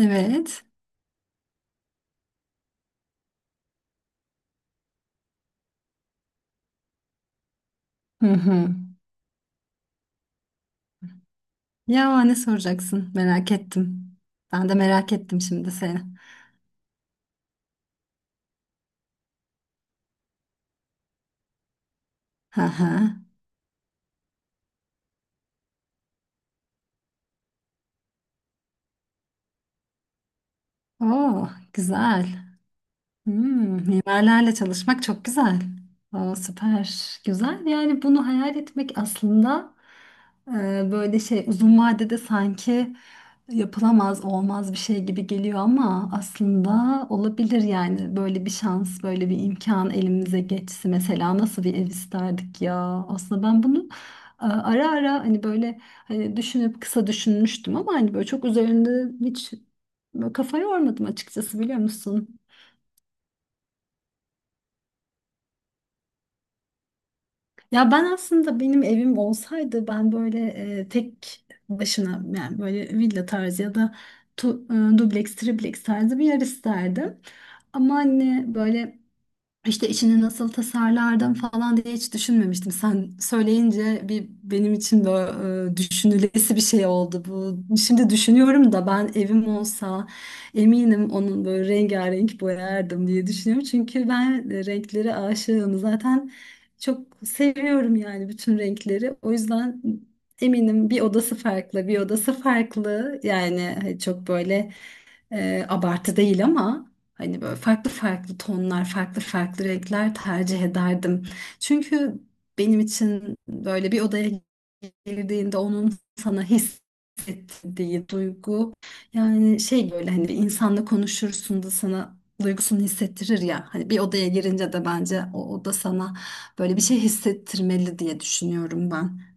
Evet. Hı hı. Ya ne soracaksın? Merak ettim. Ben de merak ettim şimdi seni. Hı hı. Oo, güzel. Hmm, mimarlarla çalışmak çok güzel. Oo, süper. Güzel. Yani bunu hayal etmek aslında e, böyle şey uzun vadede sanki yapılamaz olmaz bir şey gibi geliyor ama aslında olabilir, yani böyle bir şans böyle bir imkan elimize geçse mesela nasıl bir ev isterdik ya. Aslında ben bunu ara ara, hani böyle, hani düşünüp kısa düşünmüştüm ama hani böyle çok üzerinde hiç böyle kafa yormadım açıkçası, biliyor musun? Ya ben aslında, benim evim olsaydı, ben böyle tek başına, yani böyle villa tarzı ya da tu, dubleks, tripleks tarzı bir yer isterdim. Ama hani böyle işte içini nasıl tasarlardım falan diye hiç düşünmemiştim. Sen söyleyince bir benim için de düşünülesi bir şey oldu bu. Şimdi düşünüyorum da ben evim olsa eminim onun böyle rengarenk boyardım diye düşünüyorum. Çünkü ben renklere aşığım. Zaten çok seviyorum yani bütün renkleri. O yüzden eminim bir odası farklı, bir odası farklı. Yani çok böyle abartı değil ama hani böyle farklı farklı tonlar, farklı farklı renkler tercih ederdim. Çünkü benim için böyle bir odaya girdiğinde onun sana hissettirdiği duygu, yani şey böyle hani bir insanla konuşursun da sana duygusunu hissettirir ya, hani bir odaya girince de bence o oda sana böyle bir şey hissettirmeli diye düşünüyorum ben.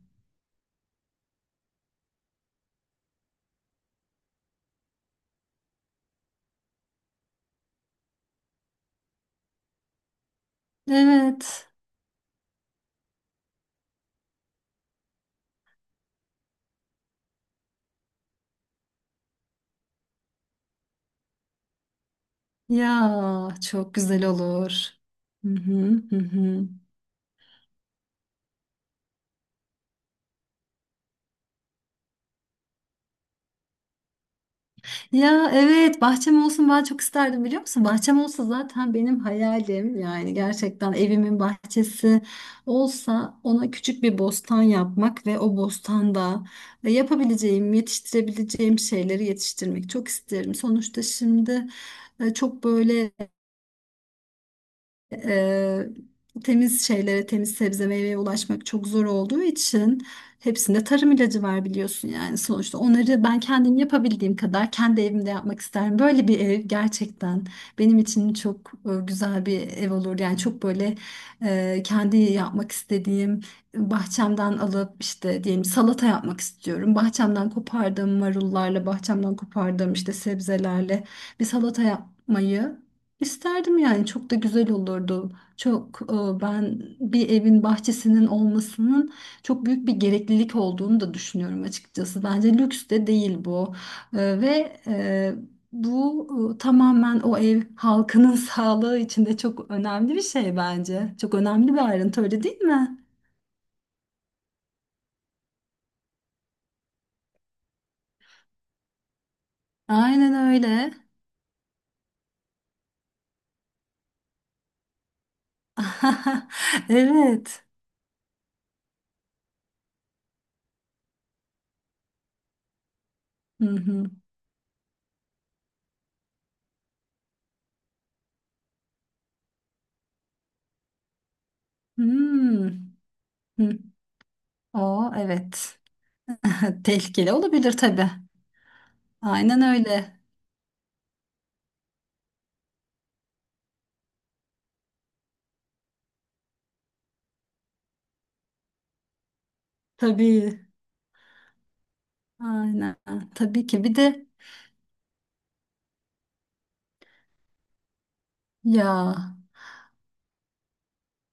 Evet, ya çok güzel olur. Hı hı hı hı. Ya evet, bahçem olsun ben çok isterdim, biliyor musun? Bahçem olsa zaten benim hayalim, yani gerçekten evimin bahçesi olsa ona küçük bir bostan yapmak ve o bostanda yapabileceğim, yetiştirebileceğim şeyleri yetiştirmek çok isterim. Sonuçta şimdi çok böyle Eee, temiz şeylere, temiz sebze meyveye ulaşmak çok zor olduğu için, hepsinde tarım ilacı var biliyorsun yani sonuçta. Onları ben kendim yapabildiğim kadar kendi evimde yapmak isterim. Böyle bir ev gerçekten benim için çok güzel bir ev olur. Yani çok böyle kendi yapmak istediğim, bahçemden alıp işte diyelim salata yapmak istiyorum. Bahçemden kopardığım marullarla, bahçemden kopardığım işte sebzelerle bir salata yapmayı İsterdim yani, çok da güzel olurdu. Çok ben bir evin bahçesinin olmasının çok büyük bir gereklilik olduğunu da düşünüyorum açıkçası. Bence lüks de değil bu. Ve bu tamamen o ev halkının sağlığı için de çok önemli bir şey bence. Çok önemli bir ayrıntı, öyle değil mi? Aynen öyle. Evet. Hı hı. Hmm. Hı. O, evet. Tehlikeli olabilir tabii. Aynen öyle. Tabii. Aynen. Tabii ki. Bir de ya,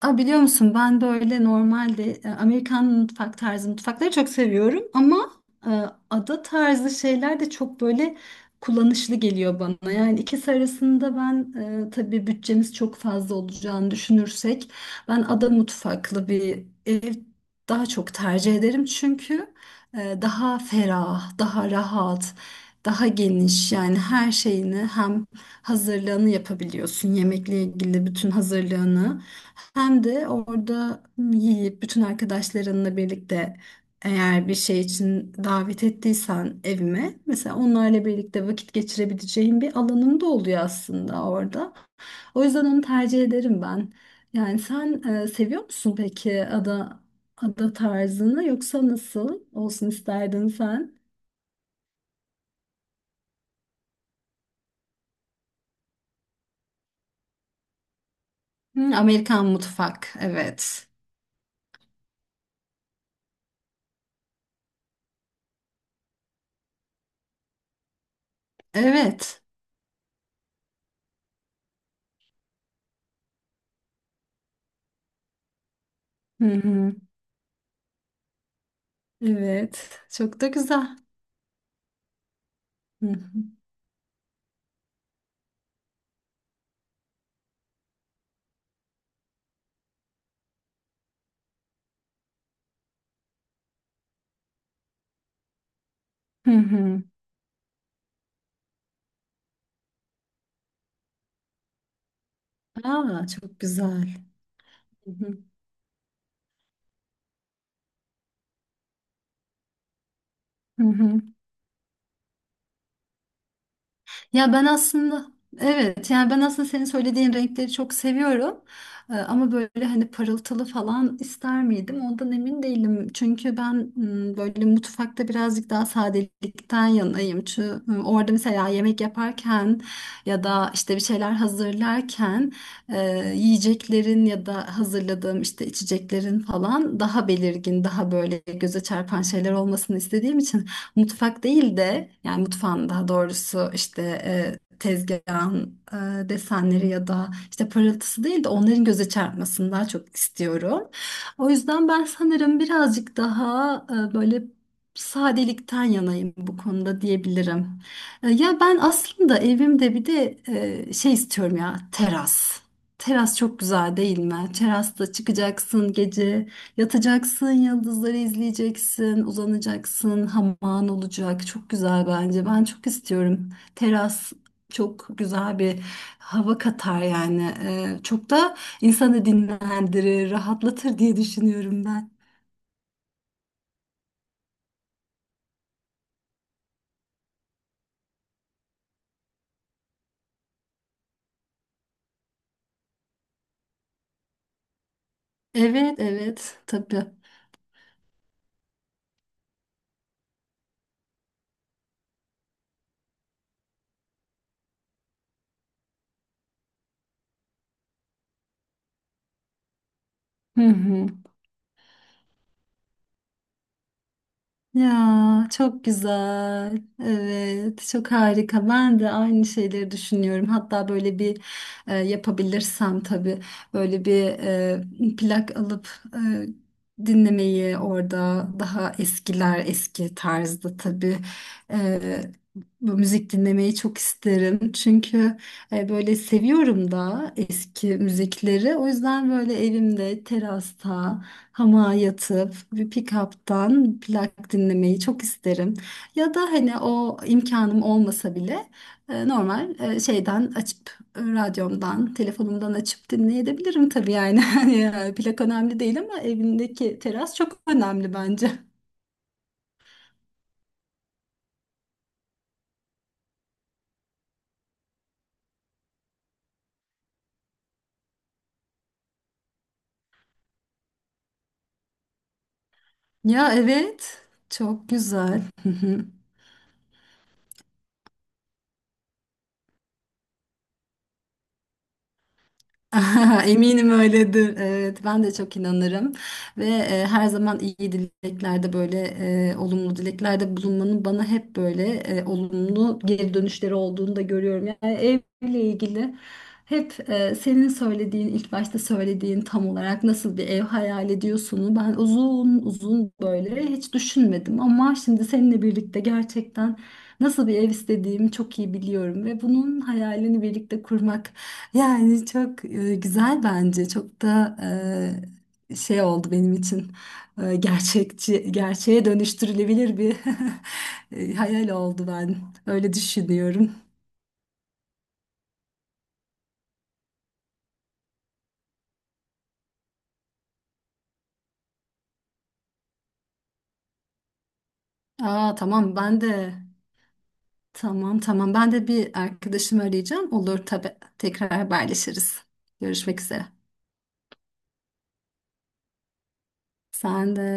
a biliyor musun, ben böyle normalde Amerikan mutfak tarzı mutfakları çok seviyorum ama e, ada tarzı şeyler de çok böyle kullanışlı geliyor bana. Yani ikisi arasında ben, tabii bütçemiz çok fazla olacağını düşünürsek, ben ada mutfaklı bir ev daha çok tercih ederim çünkü daha ferah, daha rahat, daha geniş. Yani her şeyini hem hazırlığını yapabiliyorsun, yemekle ilgili bütün hazırlığını, hem de orada yiyip bütün arkadaşlarınla birlikte, eğer bir şey için davet ettiysen evime mesela, onlarla birlikte vakit geçirebileceğin bir alanın da oluyor aslında orada. O yüzden onu tercih ederim ben. Yani sen seviyor musun peki ada tarzını, yoksa nasıl olsun isterdin sen? Hı, Amerikan mutfak. Evet. Evet. Hı hı. Evet. Çok da güzel. Hı hı. Hı hı. Aa, çok güzel. Hı hı. Hı hı. Ya ben aslında, evet, yani ben aslında senin söylediğin renkleri çok seviyorum. Ama böyle hani parıltılı falan ister miydim? Ondan emin değilim. Çünkü ben böyle mutfakta birazcık daha sadelikten yanayım. Çünkü orada mesela yemek yaparken ya da işte bir şeyler hazırlarken, yiyeceklerin ya da hazırladığım işte içeceklerin falan daha belirgin, daha böyle göze çarpan şeyler olmasını istediğim için, mutfak değil de, yani mutfağın daha doğrusu işte tezgahın desenleri ya da işte parıltısı değil de onların göze çarpmasını daha çok istiyorum. O yüzden ben sanırım birazcık daha böyle sadelikten yanayım bu konuda diyebilirim. Ya ben aslında evimde bir de şey istiyorum ya, teras. Teras çok güzel değil mi? Terasta çıkacaksın gece. Yatacaksın, yıldızları izleyeceksin, uzanacaksın, hamağın olacak. Çok güzel bence. Ben çok istiyorum. Teras çok güzel bir hava katar yani. Çok da insanı dinlendirir, rahatlatır diye düşünüyorum ben. Evet, evet, tabii. Hı hı. Ya çok güzel. Evet, çok harika. Ben de aynı şeyleri düşünüyorum. Hatta böyle bir yapabilirsem tabii böyle bir plak alıp dinlemeyi orada, daha eskiler, eski tarzda tabii, e, bu müzik dinlemeyi çok isterim. Çünkü böyle seviyorum da eski müzikleri. O yüzden böyle evimde, terasta, hamağa yatıp bir pick-up'tan plak dinlemeyi çok isterim. Ya da hani o imkanım olmasa bile normal şeyden açıp, radyomdan, telefonumdan açıp dinleyebilirim tabii yani. Hani plak önemli değil ama evindeki teras çok önemli bence. Ya evet, çok güzel. Eminim öyledir. Evet, ben de çok inanırım ve her zaman iyi dileklerde, böyle olumlu dileklerde bulunmanın bana hep böyle olumlu geri dönüşleri olduğunu da görüyorum. Yani evle ilgili hep senin söylediğin, ilk başta söylediğin, tam olarak nasıl bir ev hayal ediyorsunu ben uzun uzun böyle hiç düşünmedim ama şimdi seninle birlikte gerçekten nasıl bir ev istediğimi çok iyi biliyorum ve bunun hayalini birlikte kurmak, yani çok güzel bence. Çok da şey oldu benim için. Gerçekçi, gerçeğe dönüştürülebilir bir hayal oldu ben. Öyle düşünüyorum. Aa, tamam, ben de, tamam, ben de bir arkadaşımı arayacağım. Olur tabii. Tekrar haberleşiriz. Görüşmek üzere. Sen de